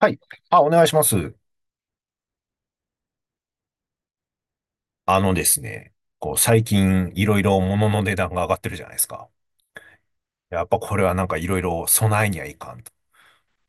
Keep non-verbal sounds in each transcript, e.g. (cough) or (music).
はい。あ、お願いします。あのですね、こう、最近いろいろ物の値段が上がってるじゃないですか。やっぱこれはなんかいろいろ備えにはいかんと。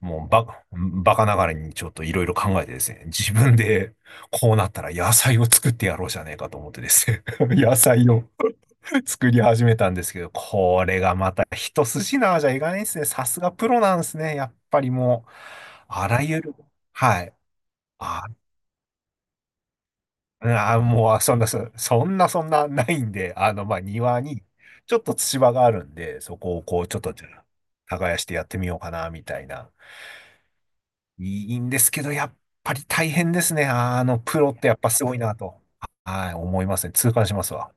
もうば、バカながらにちょっといろいろ考えてですね、自分でこうなったら野菜を作ってやろうじゃねえかと思ってですね、(laughs) 野菜を (laughs) 作り始めたんですけど、これがまた一筋縄じゃいかないですね。さすがプロなんですね。やっぱりもう、あらゆる、はい。あああ、もう、そんな、そ (laughs) そんな、ないんで、あの、まあ、庭に、ちょっと土場があるんで、そこを、こう、ちょっと、じゃあ耕してやってみようかな、みたいな。いいんですけど、やっぱり大変ですね。あの、プロってやっぱすごいなと。はい、思いますね。痛感しますわ。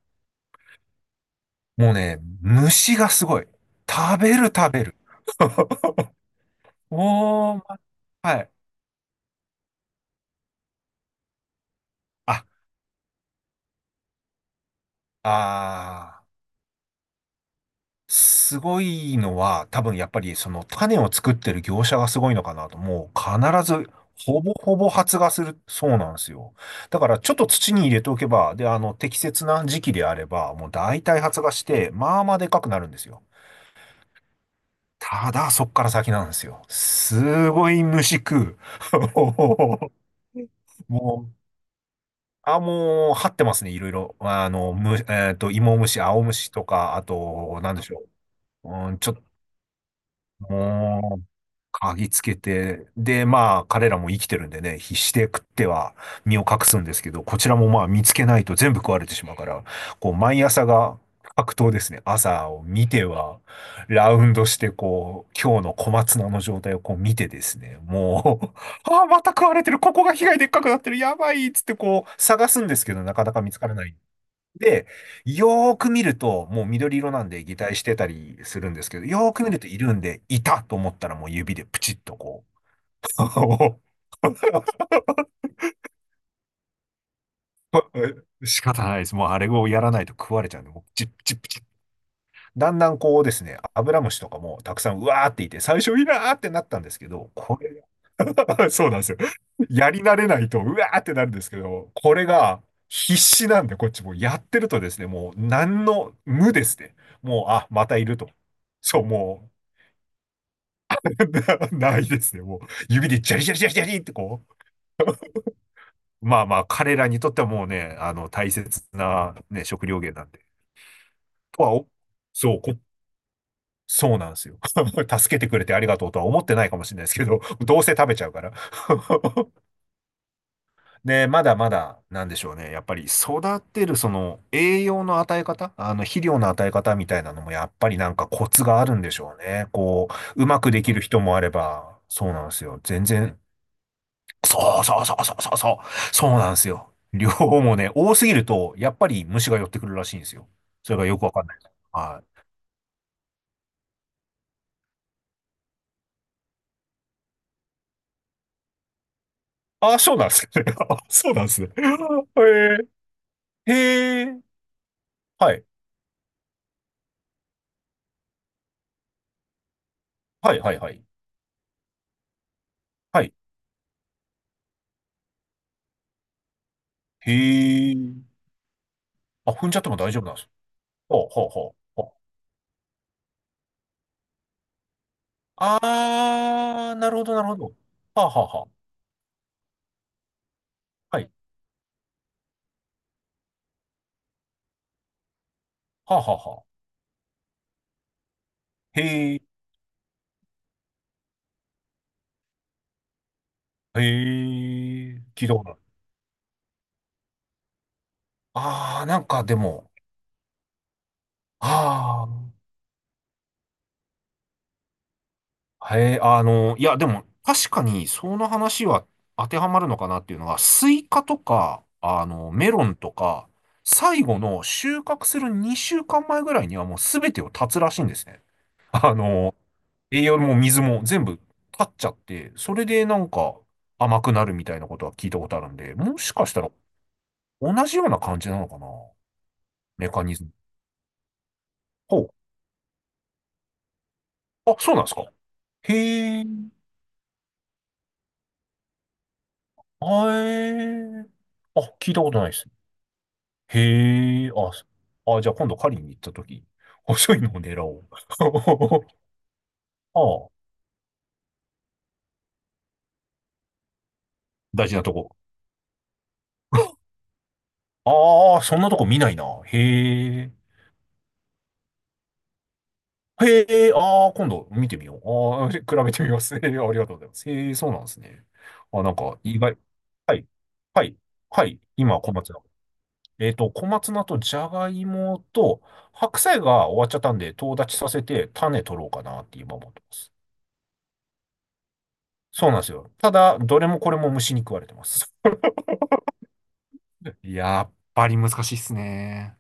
もうね、虫がすごい。食べる、食べる。(laughs) もう、まはい。あ、ああー。すごいのは、多分やっぱりその種を作ってる業者がすごいのかなと、もう必ずほぼほぼ発芽する、そうなんですよ。だからちょっと土に入れておけば、で、あの、適切な時期であれば、もう大体発芽して、まあまあでかくなるんですよ。ただ、そっから先なんですよ。すごい虫食う。(laughs) もう、あ、もう、張ってますね、いろいろ。あの、む、えっと、芋虫、青虫とか、あと、なんでしょう。うん、ちょっと、もう嗅ぎつけて、で、まあ、彼らも生きてるんでね、必死で食っては身を隠すんですけど、こちらもまあ見つけないと全部食われてしまうから、こう、毎朝が格闘ですね。朝を見ては、ラウンドして、こう、今日の小松菜の状態をこう見てですね、もう、(laughs) ああ、また食われてる、ここが被害でっかくなってる、やばいっつってこう、探すんですけど、なかなか見つからない。で、よーく見ると、もう緑色なんで擬態してたりするんですけど、よーく見るといるんで、いたと思ったらもう指でプチッとこう。(laughs) 仕方ないです。もうあれをやらないと食われちゃうんで、もうプチップチップチッ。だんだんこうですね、アブラムシとかもたくさんうわーっていて、最初いらーってなったんですけど、これ (laughs) そうなんですよ。やり慣れないと、うわーってなるんですけど、これが必死なんで、こっちもやってるとですね、もう何の無ですね。もう、あ、またいると。そう、もう、(laughs) ないですね。もう、指でジャリジャリジャリジャリってこう。まあまあ、彼らにとってはもうね、あの、大切なね、食料源なんで。とはお、そう、こ、そうなんですよ。(laughs) 助けてくれてありがとうとは思ってないかもしれないですけど、どうせ食べちゃうから。(laughs) で、まだまだ、なんでしょうね。やっぱり育てる、その、栄養の与え方、あの、肥料の与え方みたいなのも、やっぱりなんかコツがあるんでしょうね。こう、うまくできる人もあれば、そうなんですよ。全然、そうなんですよ。両方もね、多すぎると、やっぱり虫が寄ってくるらしいんですよ。それがよくわかんない。はい。あ、そうなんですね。(laughs) あそうなんですね。へえ、へえ、はい、はい、はい、はい。はい。へえ。あ、踏んじゃっても大丈夫なんです。ほうほうほうほう。あー、なるほど。はあ、はあ、はあ。はい。はあ、はあ、はあ。へえ、へえ、聞いたことある。あー、なんかでも、あー、へえ、あの、いや、でも、確かに、その話は当てはまるのかなっていうのが、スイカとか、あの、メロンとか、最後の収穫する2週間前ぐらいにはもう全てを立つらしいんですね。あの、栄養も水も全部立っちゃって、それでなんか甘くなるみたいなことは聞いたことあるんで、もしかしたら同じような感じなのかなメカニズム。ほう。あ、そうなんですか。へえ。あえ。あ、聞いたことないです。へえ。あ、そあ、じゃあ今度狩りに行った時、細いのを狙おう。(laughs) ああ、大事なとこ。ああ、そんなとこ見ないな。へえ。へえ、ああ、今度見てみよう。ああ、(laughs) 比べてみます。(laughs) へえありがとうございます。へえ、そうなんですね。あ、なんか、意外。はい。はい。はい。今、小松菜。えっと、小松菜とじゃがいもと、白菜が終わっちゃったんで、とう立ちさせて、種取ろうかなって今思ってます。そうなんですよ。ただ、どれもこれも虫に食われてます。(laughs) やっぱり難しいっすね。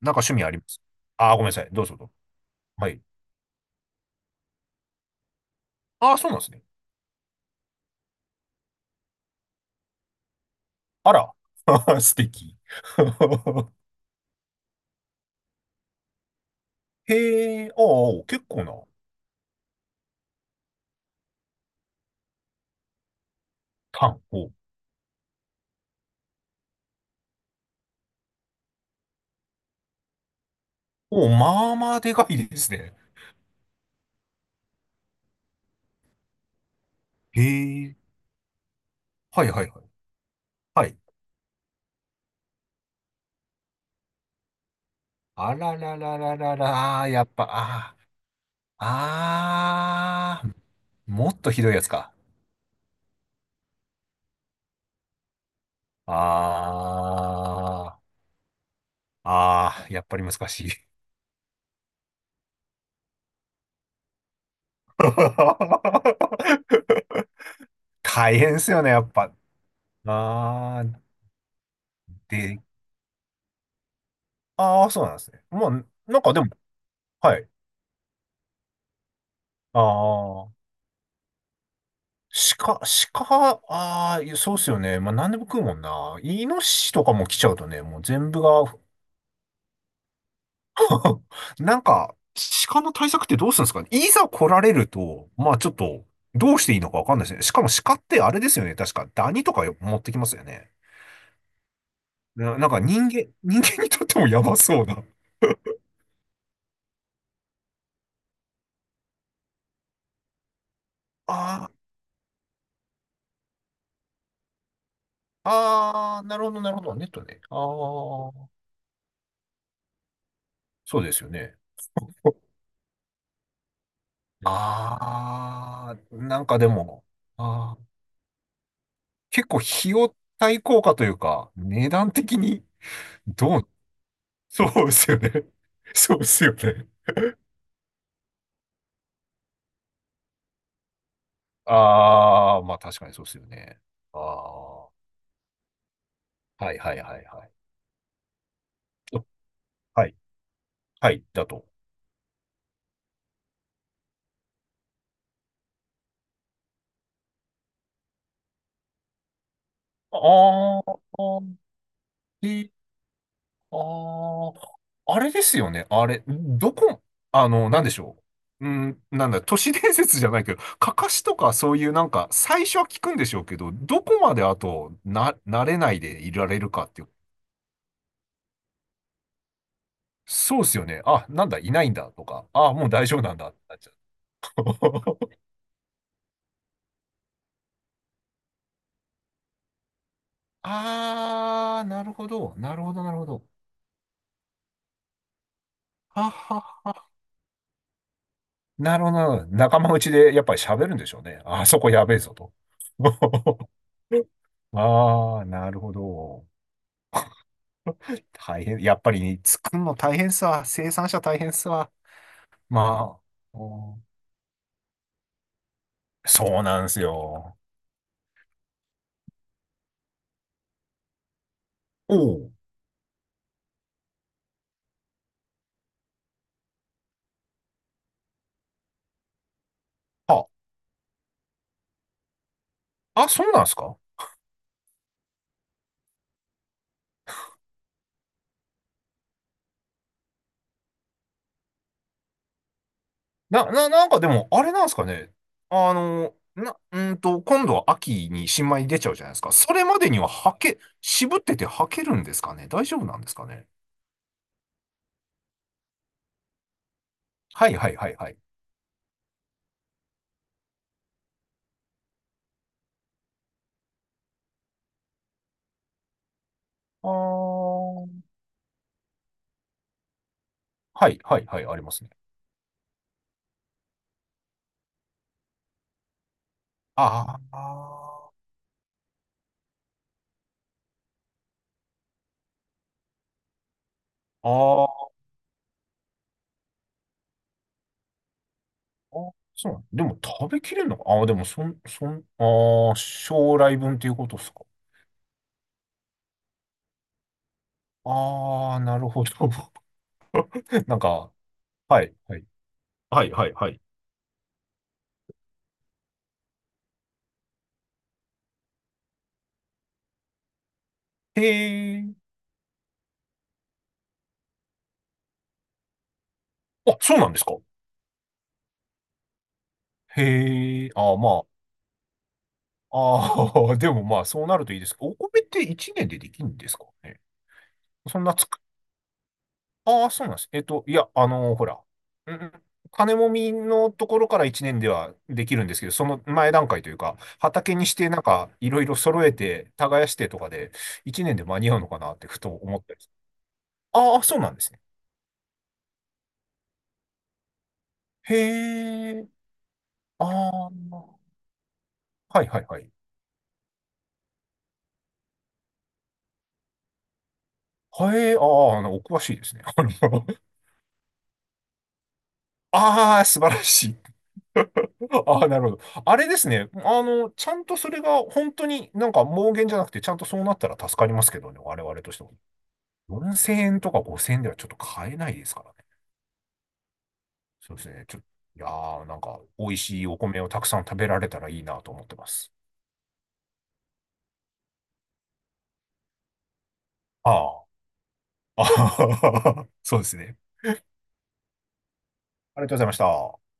なんか趣味ありますああー、ごめんなさい。どうぞどうぞ。はい。ああ、そうなんですね。あら。(laughs) 素敵。(laughs) へえ、ああ、結構な、タン。お、お、まあまあでかいですね。へえ、はいはいはい。はい。あらららららら、あーやっぱ、ああ、ああ、もっとひどいやつか。ああ、ああ、やっぱり難しい。(laughs) 大変ですよね、やっぱ。ああ、で、ああ、そうなんですね。まあ、なんかでも、はい。ああ、鹿、鹿、ああ、いやそうっすよね。まあ、何でも食うもんな。イノシシとかも来ちゃうとね、もう全部が (laughs) なんか、鹿の対策ってどうするんですかねいざ来られると、まあちょっと、どうしていいのかわかんないですね。しかも鹿ってあれですよね。確か、ダニとか持ってきますよね。人間にとってもやばそうな。(laughs) ああ、ああ、なるほど。ネットね。ああ、そうですよね。ああ、なんかでも、ああ。結構費用対効果というか、値段的にどう、そうですよね。(laughs) そうですよね。ああ、まあ確かにそうですよね。ああ、はいはいはいはい。おはい、はい、だと。ああ、で、ああ、あれですよね。あれ、どこ、あの、なんでしょう。うん、なんだ、都市伝説じゃないけど、かかしとかそういうなんか、最初は聞くんでしょうけど、どこまであと、慣れないでいられるかっていうそうっすよね。あ、なんだ、いないんだとか、あ、もう大丈夫なんだってなっちゃう。(laughs) あー、なるほど。はっはっ。なるほど。仲間内でやっぱり喋るんでしょうね。あそこやべえぞと。(laughs) あー、なるほど。大変。やっぱりね、作るの大変っすわ、生産者大変っすわまあ、おそうなんですよ。おう。あ、あ、そうなんですかなんかでも、あれなんですかね。あの、な、うーんと、今度は秋に新米出ちゃうじゃないですか。それまでには履け、渋ってて履けるんですかね。大丈夫なんですかね。はいはいはいはい。あー。はいはいはい、ありますね。あーあー、あーそう。でも食べきれるのか。ああ、でもそん、そん、ああ、将来分っていうことですか。ああ、なるほど。(laughs) なんか、はい、はい。はいはいはい。へえ。あ、そうなんですか。へえ、ああ、まあ、ああ、(laughs) でもまあ、そうなるといいです。お米って1年でできるんですかね。そんなつく、ああ、そうなんです。えっと、いや、あのーほら、うん、金もみのところから1年ではできるんですけど、その前段階というか、畑にしてなんか、いろいろ揃えて、耕してとかで、1年で間に合うのかなってふと思ったりする。ああ、そうなんですね。へえ、ああ、はいはいはい。へえ、ああ、あのお詳しいですね。(laughs) あのああ、素晴らしい。(laughs) ああ、なるほど。あれですね。あの、ちゃんとそれが本当になんか妄言じゃなくて、ちゃんとそうなったら助かりますけどね、我々としても。4000円とか5000円ではちょっと買えないですからね。そうですね。ちょ、いやー、なんか美味しいお米をたくさん食べられたらいいなと思ってます。ああ。(laughs) あははははそうですね。ありがとうございました。